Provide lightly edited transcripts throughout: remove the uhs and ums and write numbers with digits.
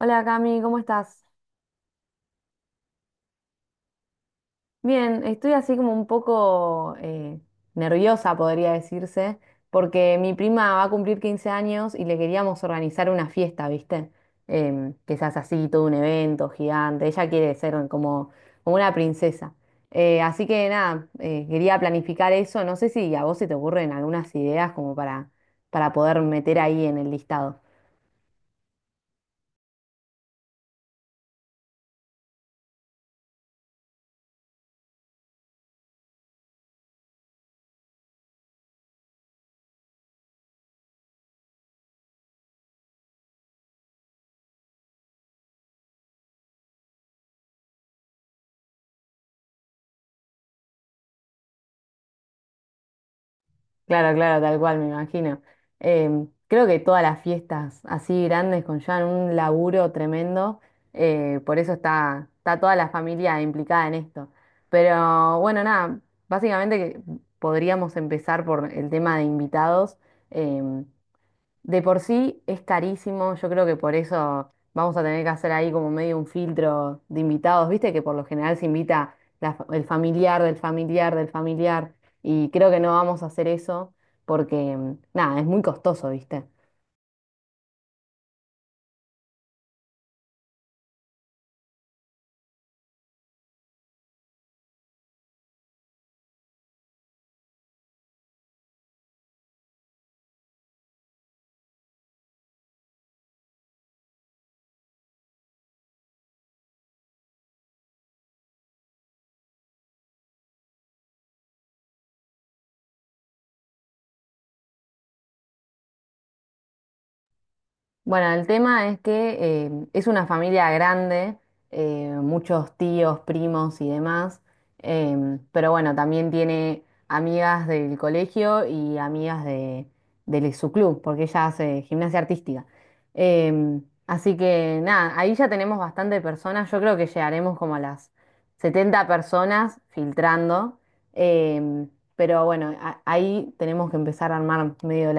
Hola Cami, ¿cómo estás? Bien, estoy así como un poco nerviosa, podría decirse, porque mi prima va a cumplir 15 años y le queríamos organizar una fiesta, ¿viste? Que se hace así, todo un evento gigante. Ella quiere ser como, como una princesa. Así que nada, quería planificar eso. No sé si a vos se te ocurren algunas ideas como para poder meter ahí en el listado. Claro, claro, tal cual, me imagino. Creo que todas las fiestas así grandes conllevan un laburo tremendo, por eso está, está toda la familia implicada en esto. Pero bueno, nada, básicamente que podríamos empezar por el tema de invitados. em, de por sí es carísimo, yo creo que por eso vamos a tener que hacer ahí como medio un filtro de invitados, viste que por lo general se invita la el familiar del familiar del familiar y creo que no vamos a hacer eso porque nada, es muy costoso, viste. Bueno, el tema es que es una familia grande, muchos tíos, primos y demás, pero bueno, también tiene amigas del colegio y amigas de su club, porque ella hace gimnasia artística. Así que nada, ahí ya tenemos bastante personas, yo creo que llegaremos como a las 70 personas filtrando, em, pero bueno, ahí tenemos que empezar a armar medio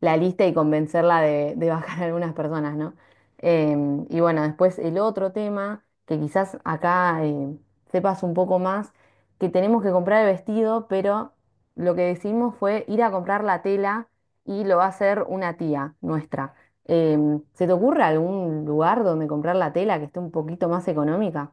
la lista y convencerla de bajar a algunas personas, ¿no? Y bueno, después el otro tema, que quizás acá sepas un poco más, que tenemos que comprar el vestido, pero lo que decidimos fue ir a comprar la tela y lo va a hacer una tía nuestra. ¿Se te ocurre algún lugar donde comprar la tela que esté un poquito más económica?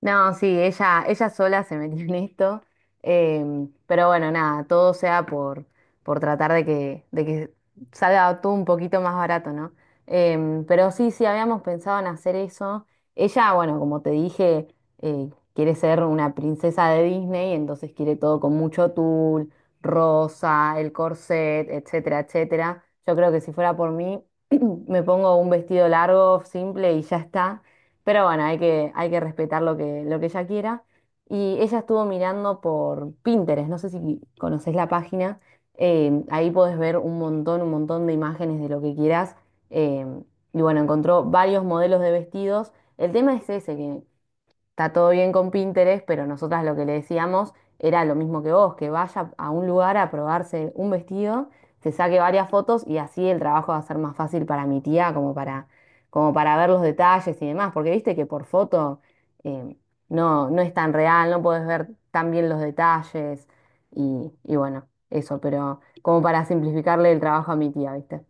No, sí, ella sola se metió en esto, pero bueno, nada, todo sea por tratar de que salga todo un poquito más barato, ¿no? Pero sí, sí, habíamos pensado en hacer eso. Ella, bueno, como te dije, quiere ser una princesa de Disney, entonces quiere todo con mucho tul, rosa, el corset, etcétera, etcétera. Yo creo que si fuera por mí, me pongo un vestido largo, simple y ya está. Pero bueno, hay que respetar lo que ella quiera. Y ella estuvo mirando por Pinterest, no sé si conoces la página, ahí podés ver un montón de imágenes de lo que quieras. eh, y bueno, encontró varios modelos de vestidos. El tema es ese, que está todo bien con Pinterest, pero nosotras lo que le decíamos era lo mismo que vos, que vaya a un lugar a probarse un vestido, se saque varias fotos y así el trabajo va a ser más fácil para mi tía, como para, como para ver los detalles y demás, porque viste que por foto eh, no, no es tan real, no podés ver tan bien los detalles y bueno, eso, pero como para simplificarle el trabajo a mi tía, ¿viste?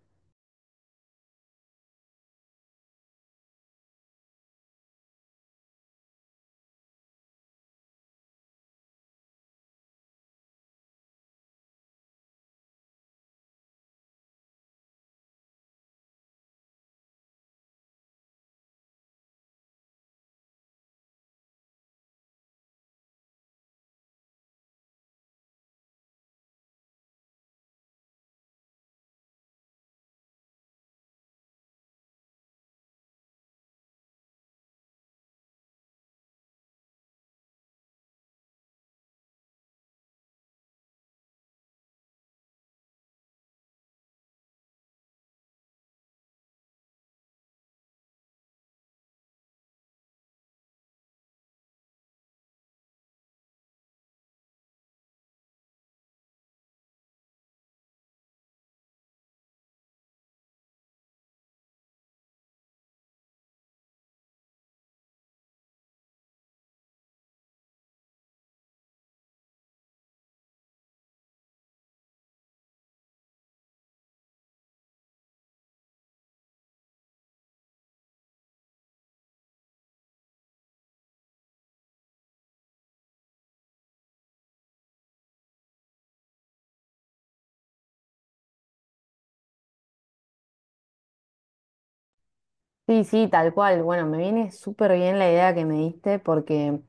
Sí, sí, tal cual. Bueno, me viene súper bien la idea que me diste porque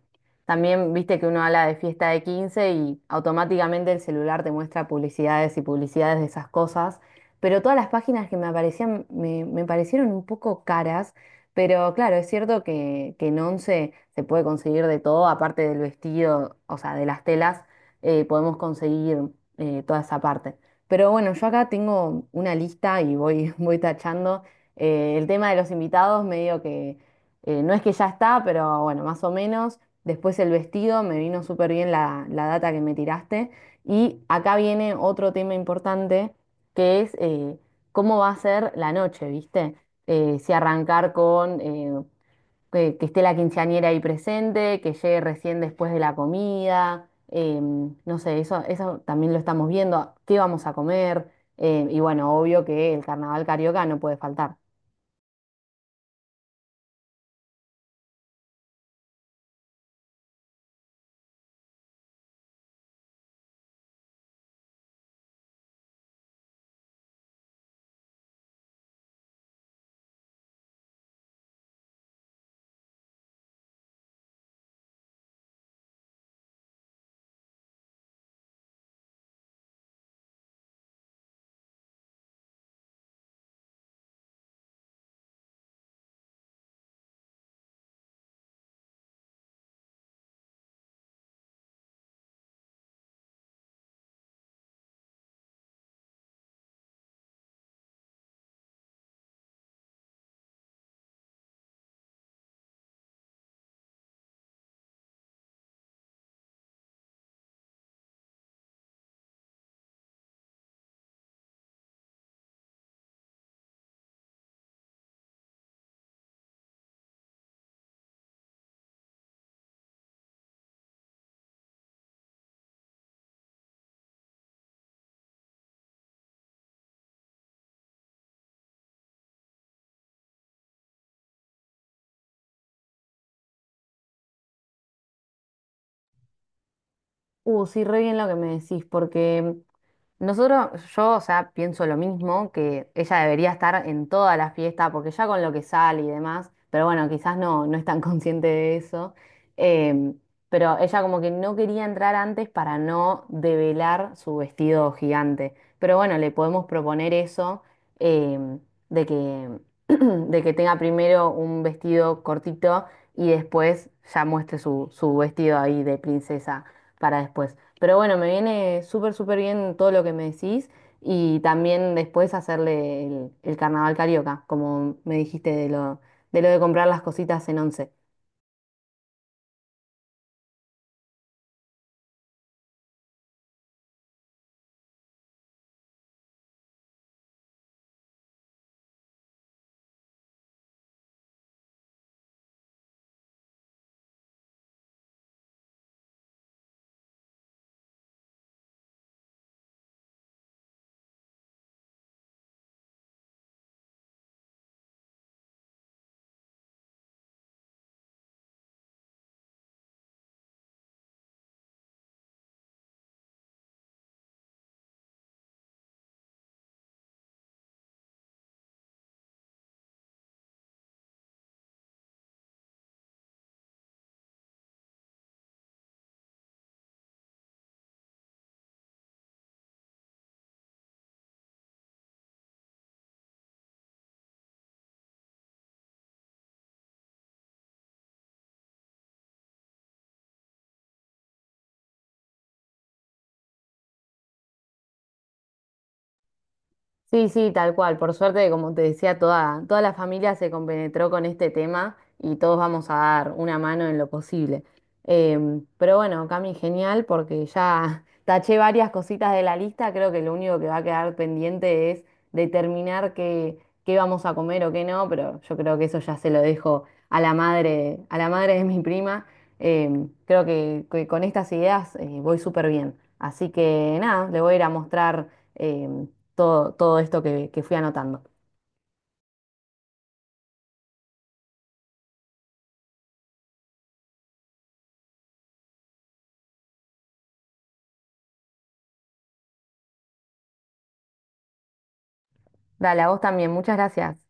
también viste que uno habla de fiesta de 15 y automáticamente el celular te muestra publicidades y publicidades de esas cosas, pero todas las páginas que me aparecían me, me parecieron un poco caras, pero claro, es cierto que en Once se puede conseguir de todo, aparte del vestido, o sea, de las telas, podemos conseguir toda esa parte. Pero bueno, yo acá tengo una lista y voy, voy tachando. El tema de los invitados, medio que no es que ya está, pero bueno, más o menos. Después el vestido, me vino súper bien la, la data que me tiraste. Y acá viene otro tema importante, que es cómo va a ser la noche, ¿viste? Si arrancar con que esté la quinceañera ahí presente, que llegue recién después de la comida. No sé, eso también lo estamos viendo. ¿Qué vamos a comer? Y bueno, obvio que el carnaval carioca no puede faltar. Sí, re bien lo que me decís, porque nosotros, yo, o sea, pienso lo mismo, que ella debería estar en toda la fiesta, porque ya con lo que sale y demás, pero bueno, quizás no, no es tan consciente de eso, em, pero ella como que no quería entrar antes para no develar su vestido gigante. Pero bueno, le podemos proponer eso, em, de que, de que tenga primero un vestido cortito y después ya muestre su, su vestido ahí de princesa para después. Pero bueno, me viene súper, súper bien todo lo que me decís y también después hacerle el carnaval carioca, como me dijiste de lo de comprar las cositas en Once. Sí, sí, tal cual. Por suerte, como te decía, toda, toda la familia se compenetró con este tema y todos vamos a dar una mano en lo posible. Pero bueno, Cami, genial porque ya taché varias cositas de la lista. Creo que lo único que va a quedar pendiente es determinar qué, qué vamos a comer o qué no, pero yo creo que eso ya se lo dejo a la madre de mi prima. Creo que con estas ideas voy súper bien. Así que nada, le voy a ir a mostrar. em, Todo, todo esto que fui anotando. Dale, a vos también, muchas gracias.